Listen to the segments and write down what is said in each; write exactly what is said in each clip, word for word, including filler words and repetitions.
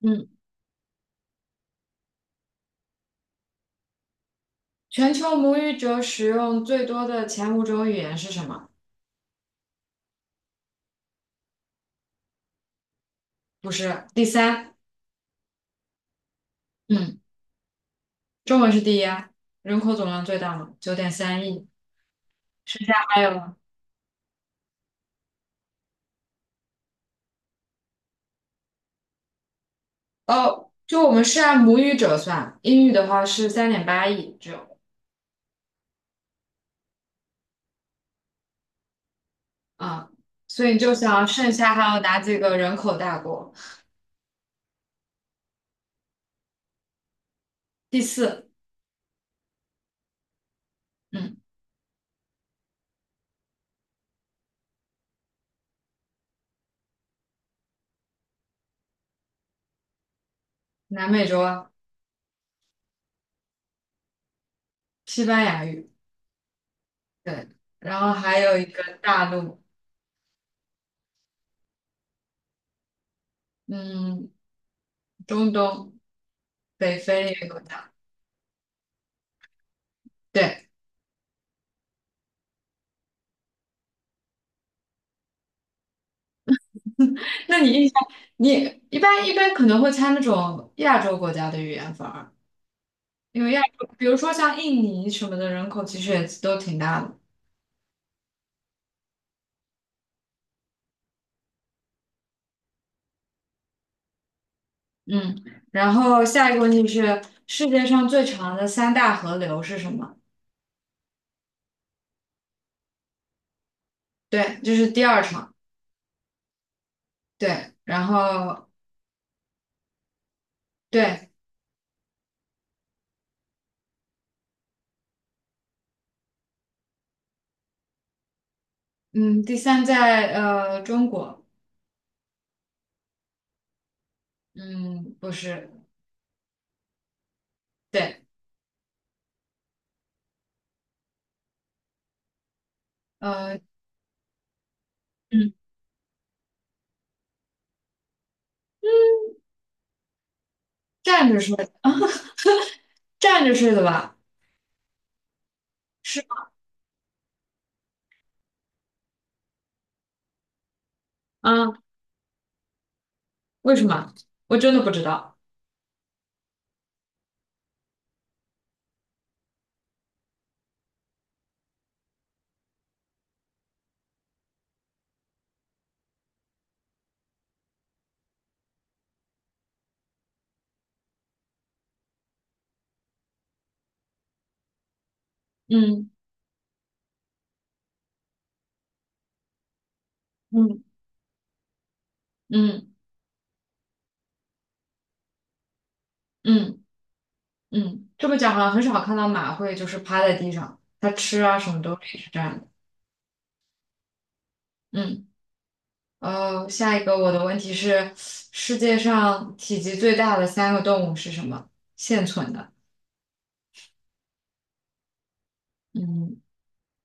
嗯，全球母语者使用最多的前五种语言是什么？不是，第三，嗯，中文是第一啊，人口总量最大嘛，九点三亿，剩下还有吗，哦，就我们是按母语者算，英语的话是三点八亿，只有，啊，所以你就想剩下还有哪几个人口大国？第四，嗯，南美洲啊，西班牙语，对，然后还有一个大陆，嗯，中东，北非也有的，对。那你印象，你一般一般可能会猜那种亚洲国家的语言，反而因为亚洲，比如说像印尼什么的人口其实也都挺大的，嗯。然后下一个问题是，世界上最长的三大河流是什么？对，这是第二场，对。然后对，嗯，第三在呃中国，嗯，不是，对，呃，嗯，站着睡，站着睡的吧？是吗？啊，为什么？我真的不知道。嗯嗯。嗯嗯嗯，这么讲好像很少看到马会就是趴在地上，它吃啊什么都是这样的。嗯，呃，下一个我的问题是，世界上体积最大的三个动物是什么？现存的。嗯，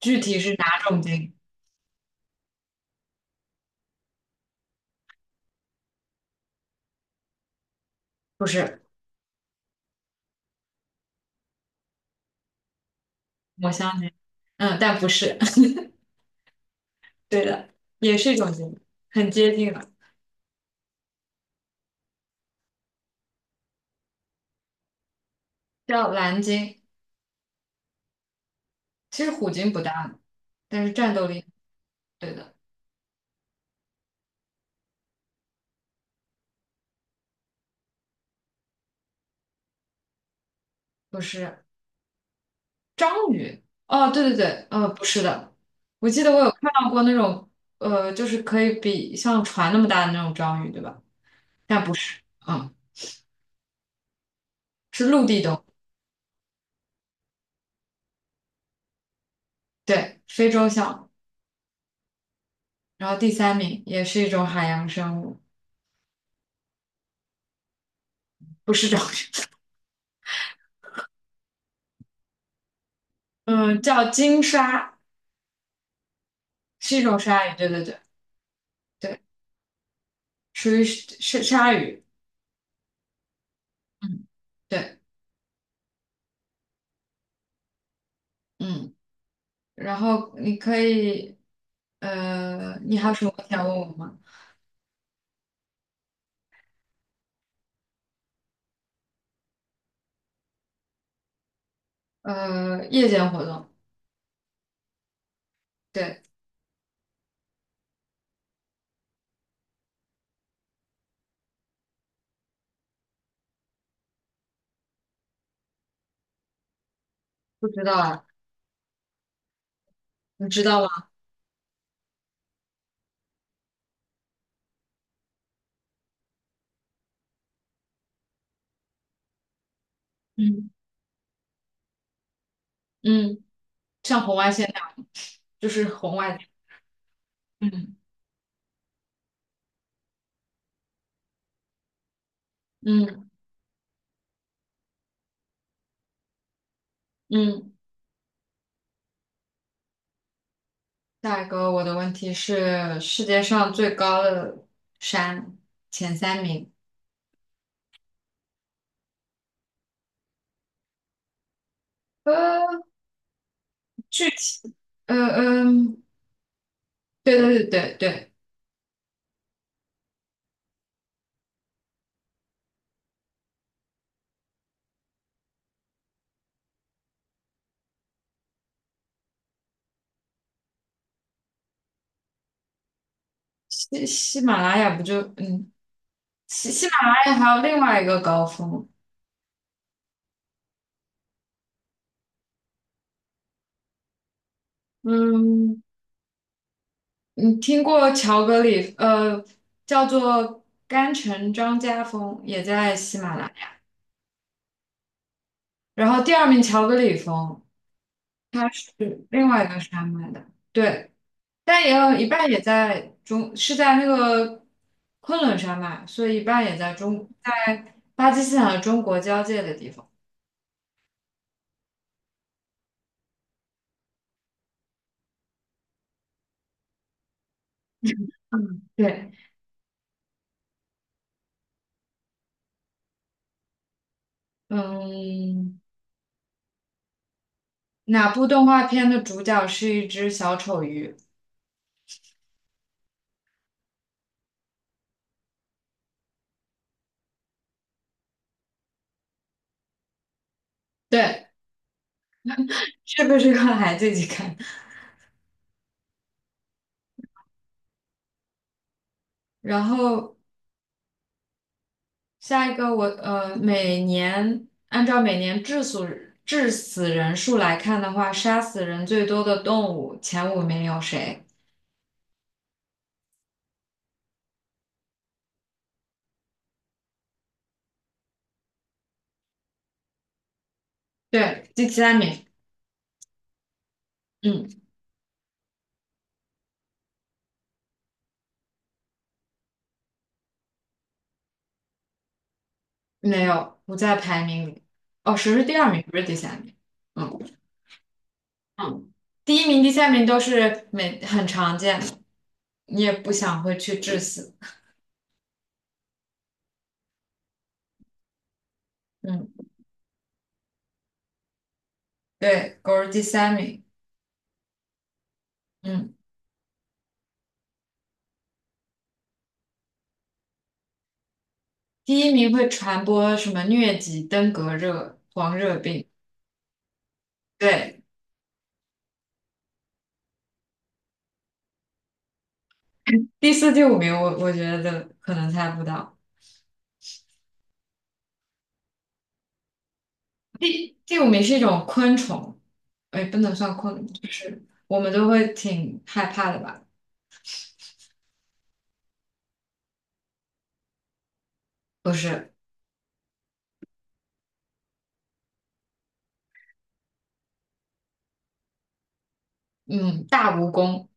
具体是哪种鲸？不是，我相信。嗯，但不是。对的，也是一种鲸，很接近了，叫蓝鲸。其实虎鲸不大，但是战斗力，对的，不是。章鱼。哦，对对对，呃，不是的，我记得我有看到过那种，呃，就是可以比像船那么大的那种章鱼，对吧？但不是，啊，是陆地动物，对，非洲象。然后第三名也是一种海洋生物，不是章鱼，嗯，叫鲸鲨，是一种鲨鱼，对对对对，属于是鲨鱼，嗯，对，嗯，然后你可以，呃，你还有什么想问我吗？呃，夜间活动，对，不知道啊。你知道吗？嗯嗯，像红外线那样，就是红外。嗯嗯嗯。下一个我的问题是世界上最高的山前三名。呃，具体，呃嗯，对对对对对，喜喜马拉雅不就嗯，喜喜马拉雅还有另外一个高峰，嗯，你听过乔格里呃叫做甘城张家峰，也在喜马拉雅。然后第二名乔格里峰，它是另外一个山脉的，对，但也有一半也在中，是在那个昆仑山脉，所以一半也在中，在巴基斯坦和中国交界的地方。嗯，对，嗯，哪部动画片的主角是一只小丑鱼？对，是不是个孩子一起看。然后下一个我呃，每年按照每年致死致死人数来看的话，杀死人最多的动物前五名有谁？对，第三名，嗯，没有，不在排名里。哦，谁是第二名，不是第三名。嗯嗯，第一名、第三名都是每很常见的，你也不想会去致死。嗯，对，狗是第三名。嗯，第一名会传播什么疟疾、登革热、黄热病。对，第四、第五名我我觉得可能猜不到。第第五名是一种昆虫，哎，不能算昆，就是我们都会挺害怕的吧？不是。嗯，大蜈蚣，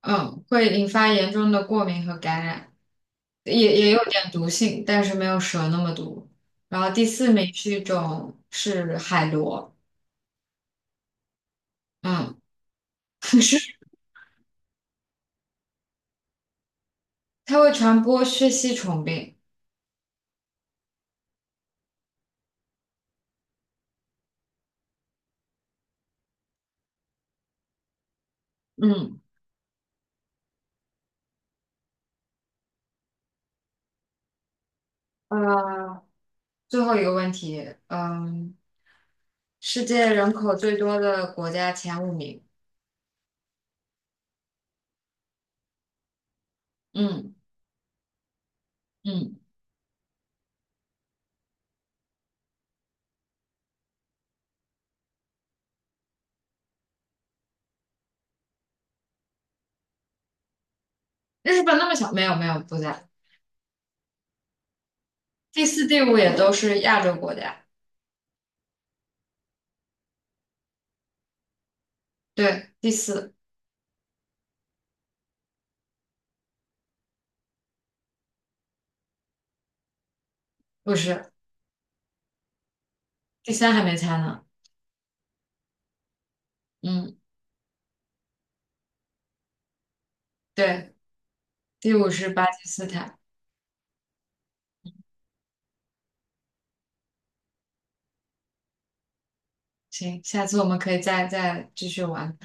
嗯，会引发严重的过敏和感染，也也有点毒性，但是没有蛇那么毒。然后第四名是一种是海螺，嗯，是它会传播血吸虫病。嗯，呃，最后一个问题，嗯，世界人口最多的国家前五名，嗯嗯，日本那么小，没有没有不在，第四、第五也都是亚洲国家，对，第四不是，第三还没猜呢。嗯。对，第五是巴基斯坦。行，下次我们可以再再继续玩。